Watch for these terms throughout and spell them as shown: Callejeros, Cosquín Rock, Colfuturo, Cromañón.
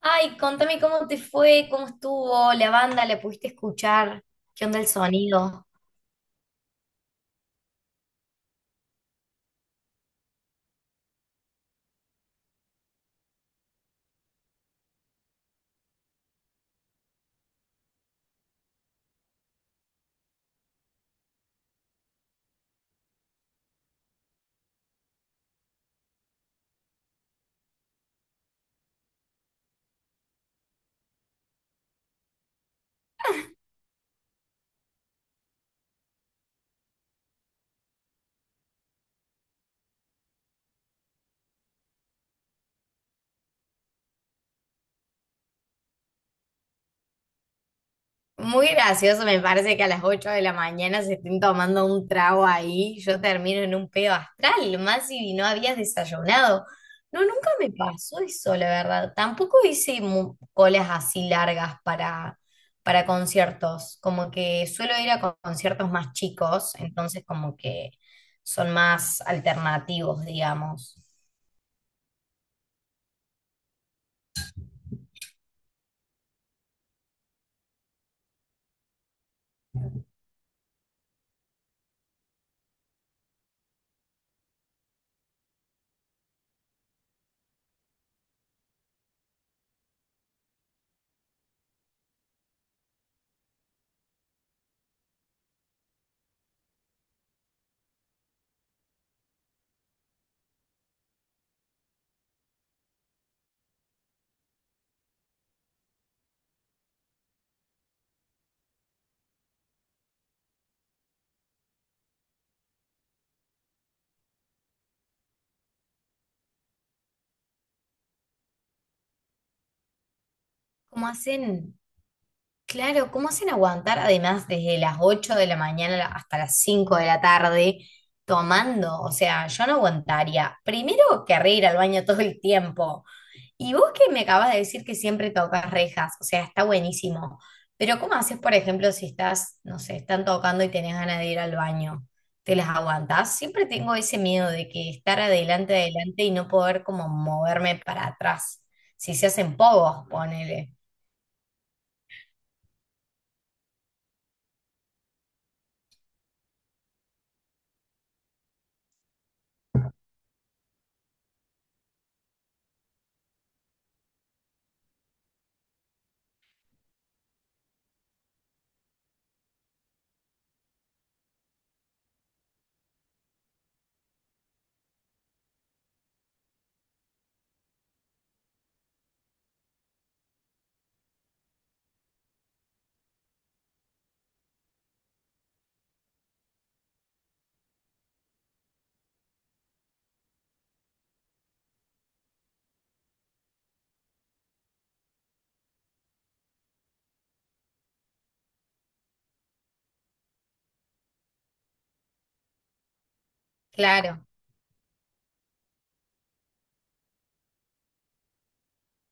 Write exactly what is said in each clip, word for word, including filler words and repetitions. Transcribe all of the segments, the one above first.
Ay, contame cómo te fue, cómo estuvo la banda, la pudiste escuchar, qué onda el sonido. Muy gracioso, me parece que a las ocho de la mañana se estén tomando un trago ahí, yo termino en un pedo astral, más si no habías desayunado. No, nunca me pasó eso, la verdad. Tampoco hice mu- colas así largas para, para conciertos, como que suelo ir a con- conciertos más chicos, entonces como que son más alternativos, digamos. ¿Cómo hacen? Claro, ¿cómo hacen aguantar además desde las ocho de la mañana hasta las cinco de la tarde tomando? O sea, yo no aguantaría. Primero, querré ir al baño todo el tiempo. Y vos que me acabas de decir que siempre tocas rejas, o sea, está buenísimo. Pero ¿cómo haces, por ejemplo, si estás, no sé, están tocando y tenés ganas de ir al baño? ¿Te las aguantás? Siempre tengo ese miedo de que estar adelante, adelante y no poder como moverme para atrás. Si se hacen pogos, ponele. Claro.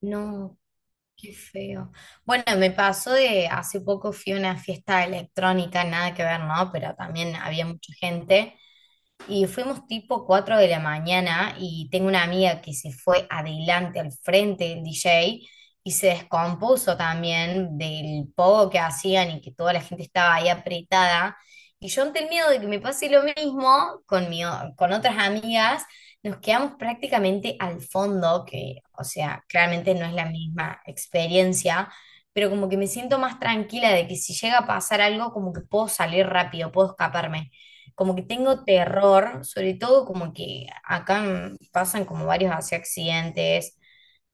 No, Qué feo. Bueno, me pasó de hace poco fui a una fiesta electrónica, nada que ver, ¿no? Pero también había mucha gente y fuimos tipo cuatro de la mañana y tengo una amiga que se fue adelante al frente del D J y se descompuso también del poco que hacían y que toda la gente estaba ahí apretada. Y yo ante el miedo de que me pase lo mismo con mi o- con otras amigas, nos quedamos prácticamente al fondo, que o sea, claramente no es la misma experiencia, pero como que me siento más tranquila de que si llega a pasar algo, como que puedo salir rápido, puedo escaparme como que tengo terror, sobre todo como que acá mm, pasan como varios así accidentes,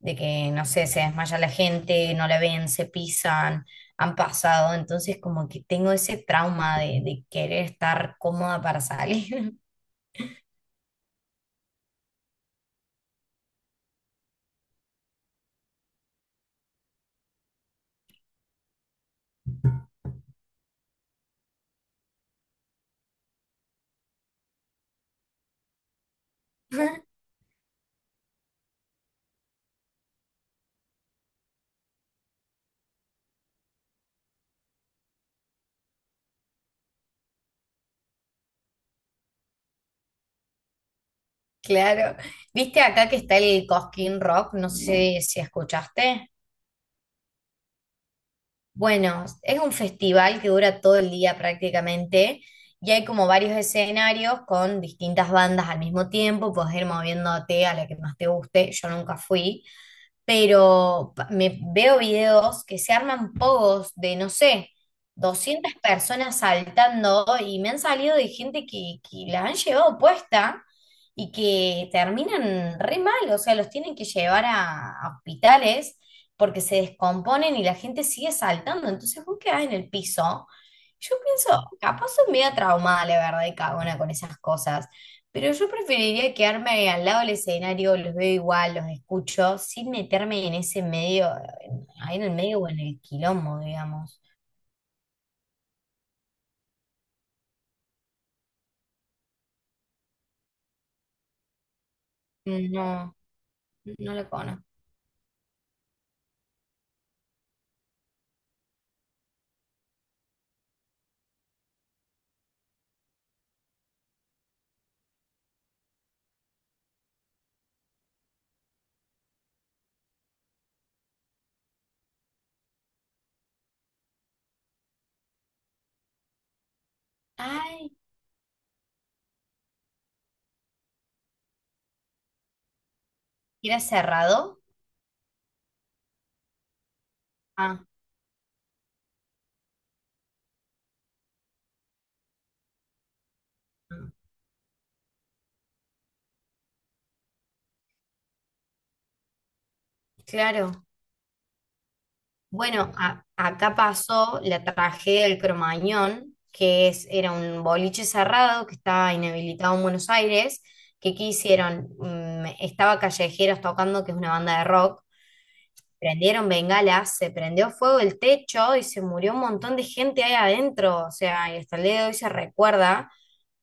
de que, no sé, se desmaya la gente, no la ven, se pisan, han pasado, entonces como que tengo ese trauma de, de querer estar cómoda para salir. Claro. ¿Viste acá que está el Cosquín Rock? No sé si escuchaste. Bueno, es un festival que dura todo el día prácticamente y hay como varios escenarios con distintas bandas al mismo tiempo, puedes ir moviéndote a la que más te guste, yo nunca fui, pero pa- me veo videos que se arman pogos de, no sé, doscientas personas saltando y me han salido de gente que, que la han llevado puesta y que terminan re mal, o sea, los tienen que llevar a, a hospitales porque se descomponen y la gente sigue saltando, entonces vos quedás en el piso. Yo pienso, capaz soy media traumada, la verdad, y cagona con esas cosas. Pero yo preferiría quedarme al lado del escenario, los veo igual, los escucho, sin meterme en ese medio, en- ahí en el medio o en el quilombo, digamos. No, no lo conozco. Ay, ¿era cerrado? Ah, claro. Bueno, a- acá pasó la tragedia del Cromañón, que es, era un boliche cerrado que estaba inhabilitado en Buenos Aires, que ¿qué hicieron? Mm, estaba Callejeros tocando, que es una banda de rock. Prendieron bengalas, se prendió fuego el techo y se murió un montón de gente ahí adentro. O sea, y hasta el día de hoy se recuerda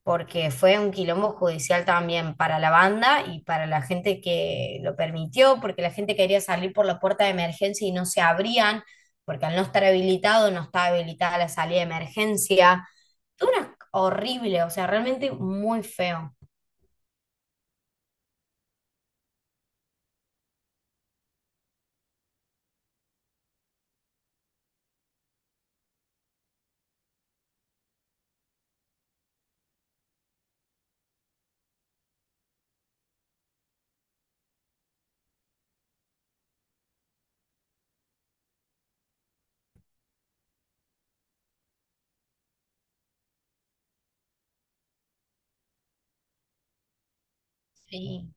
porque fue un quilombo judicial también para la banda y para la gente que lo permitió, porque la gente quería salir por la puerta de emergencia y no se abrían, porque al no estar habilitado no estaba habilitada la salida de emergencia. Todo una horrible, o sea, realmente muy feo. Sí.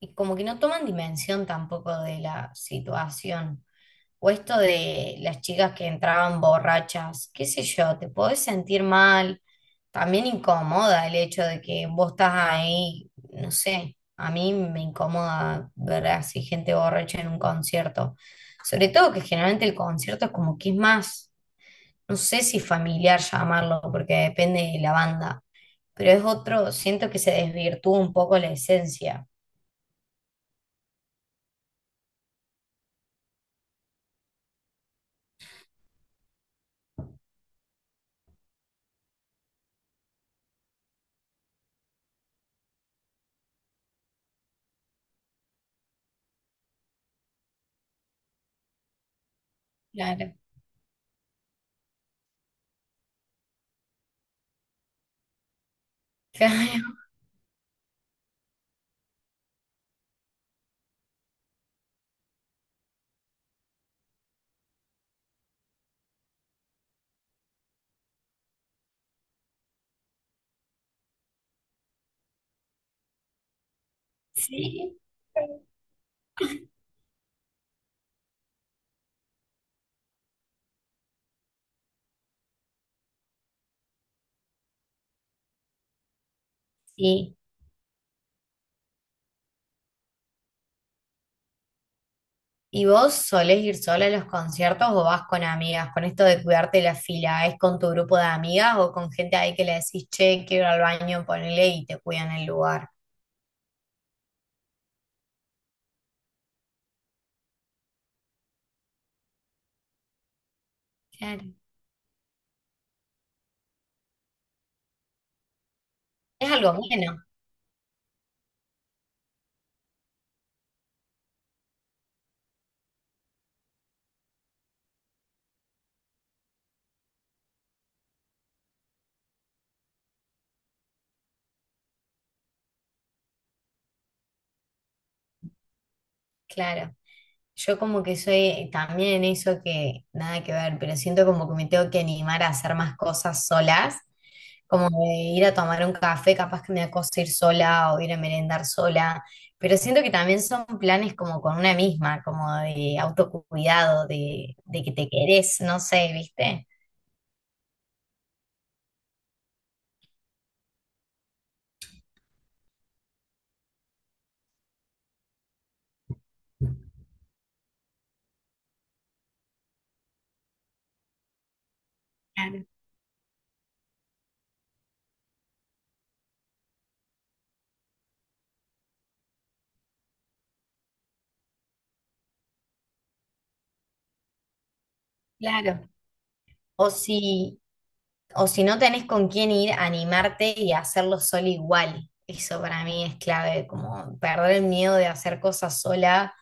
Y como que no toman dimensión tampoco de la situación. O esto de las chicas que entraban borrachas, qué sé yo, te podés sentir mal. También incomoda el hecho de que vos estás ahí, no sé, a mí me incomoda ver así gente borracha en un concierto. Sobre todo que generalmente el concierto es como que es más, no sé si familiar llamarlo, porque depende de la banda, pero es otro, siento que se desvirtúa un poco la esencia. Claro. Claro, sí. Sí, ¿y vos solés ir sola a los conciertos o vas con amigas? Con esto de cuidarte la fila, ¿es con tu grupo de amigas o con gente ahí que le decís, che, quiero ir al baño, ponele y te cuidan el lugar? Claro. Es algo bueno, claro. Yo como que soy también en eso que nada que ver, pero siento como que me tengo que animar a hacer más cosas solas como de ir a tomar un café, capaz que me da cosa ir sola o ir a merendar sola, pero siento que también son planes como con una misma, como de autocuidado, de, de que te querés, no sé, ¿viste? Claro, claro. O si, O si no tenés con quién ir, animarte y hacerlo sola igual. Eso para mí es clave, como perder el miedo de hacer cosas sola.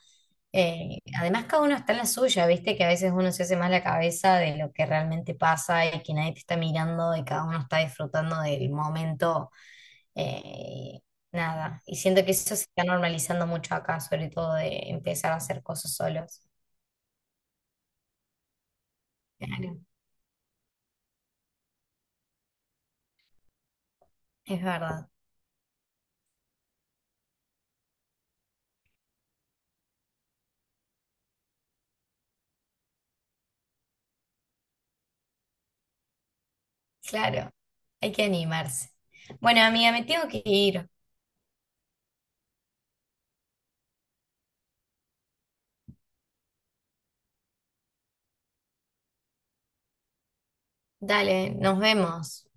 Eh, además, cada uno está en la suya, viste que a veces uno se hace más la cabeza de lo que realmente pasa y que nadie te está mirando y cada uno está disfrutando del momento. Eh, nada, y siento que eso se está normalizando mucho acá, sobre todo de empezar a hacer cosas solos. Claro, es verdad. Claro, hay que animarse. Bueno, amiga, me tengo que ir. Dale, nos vemos.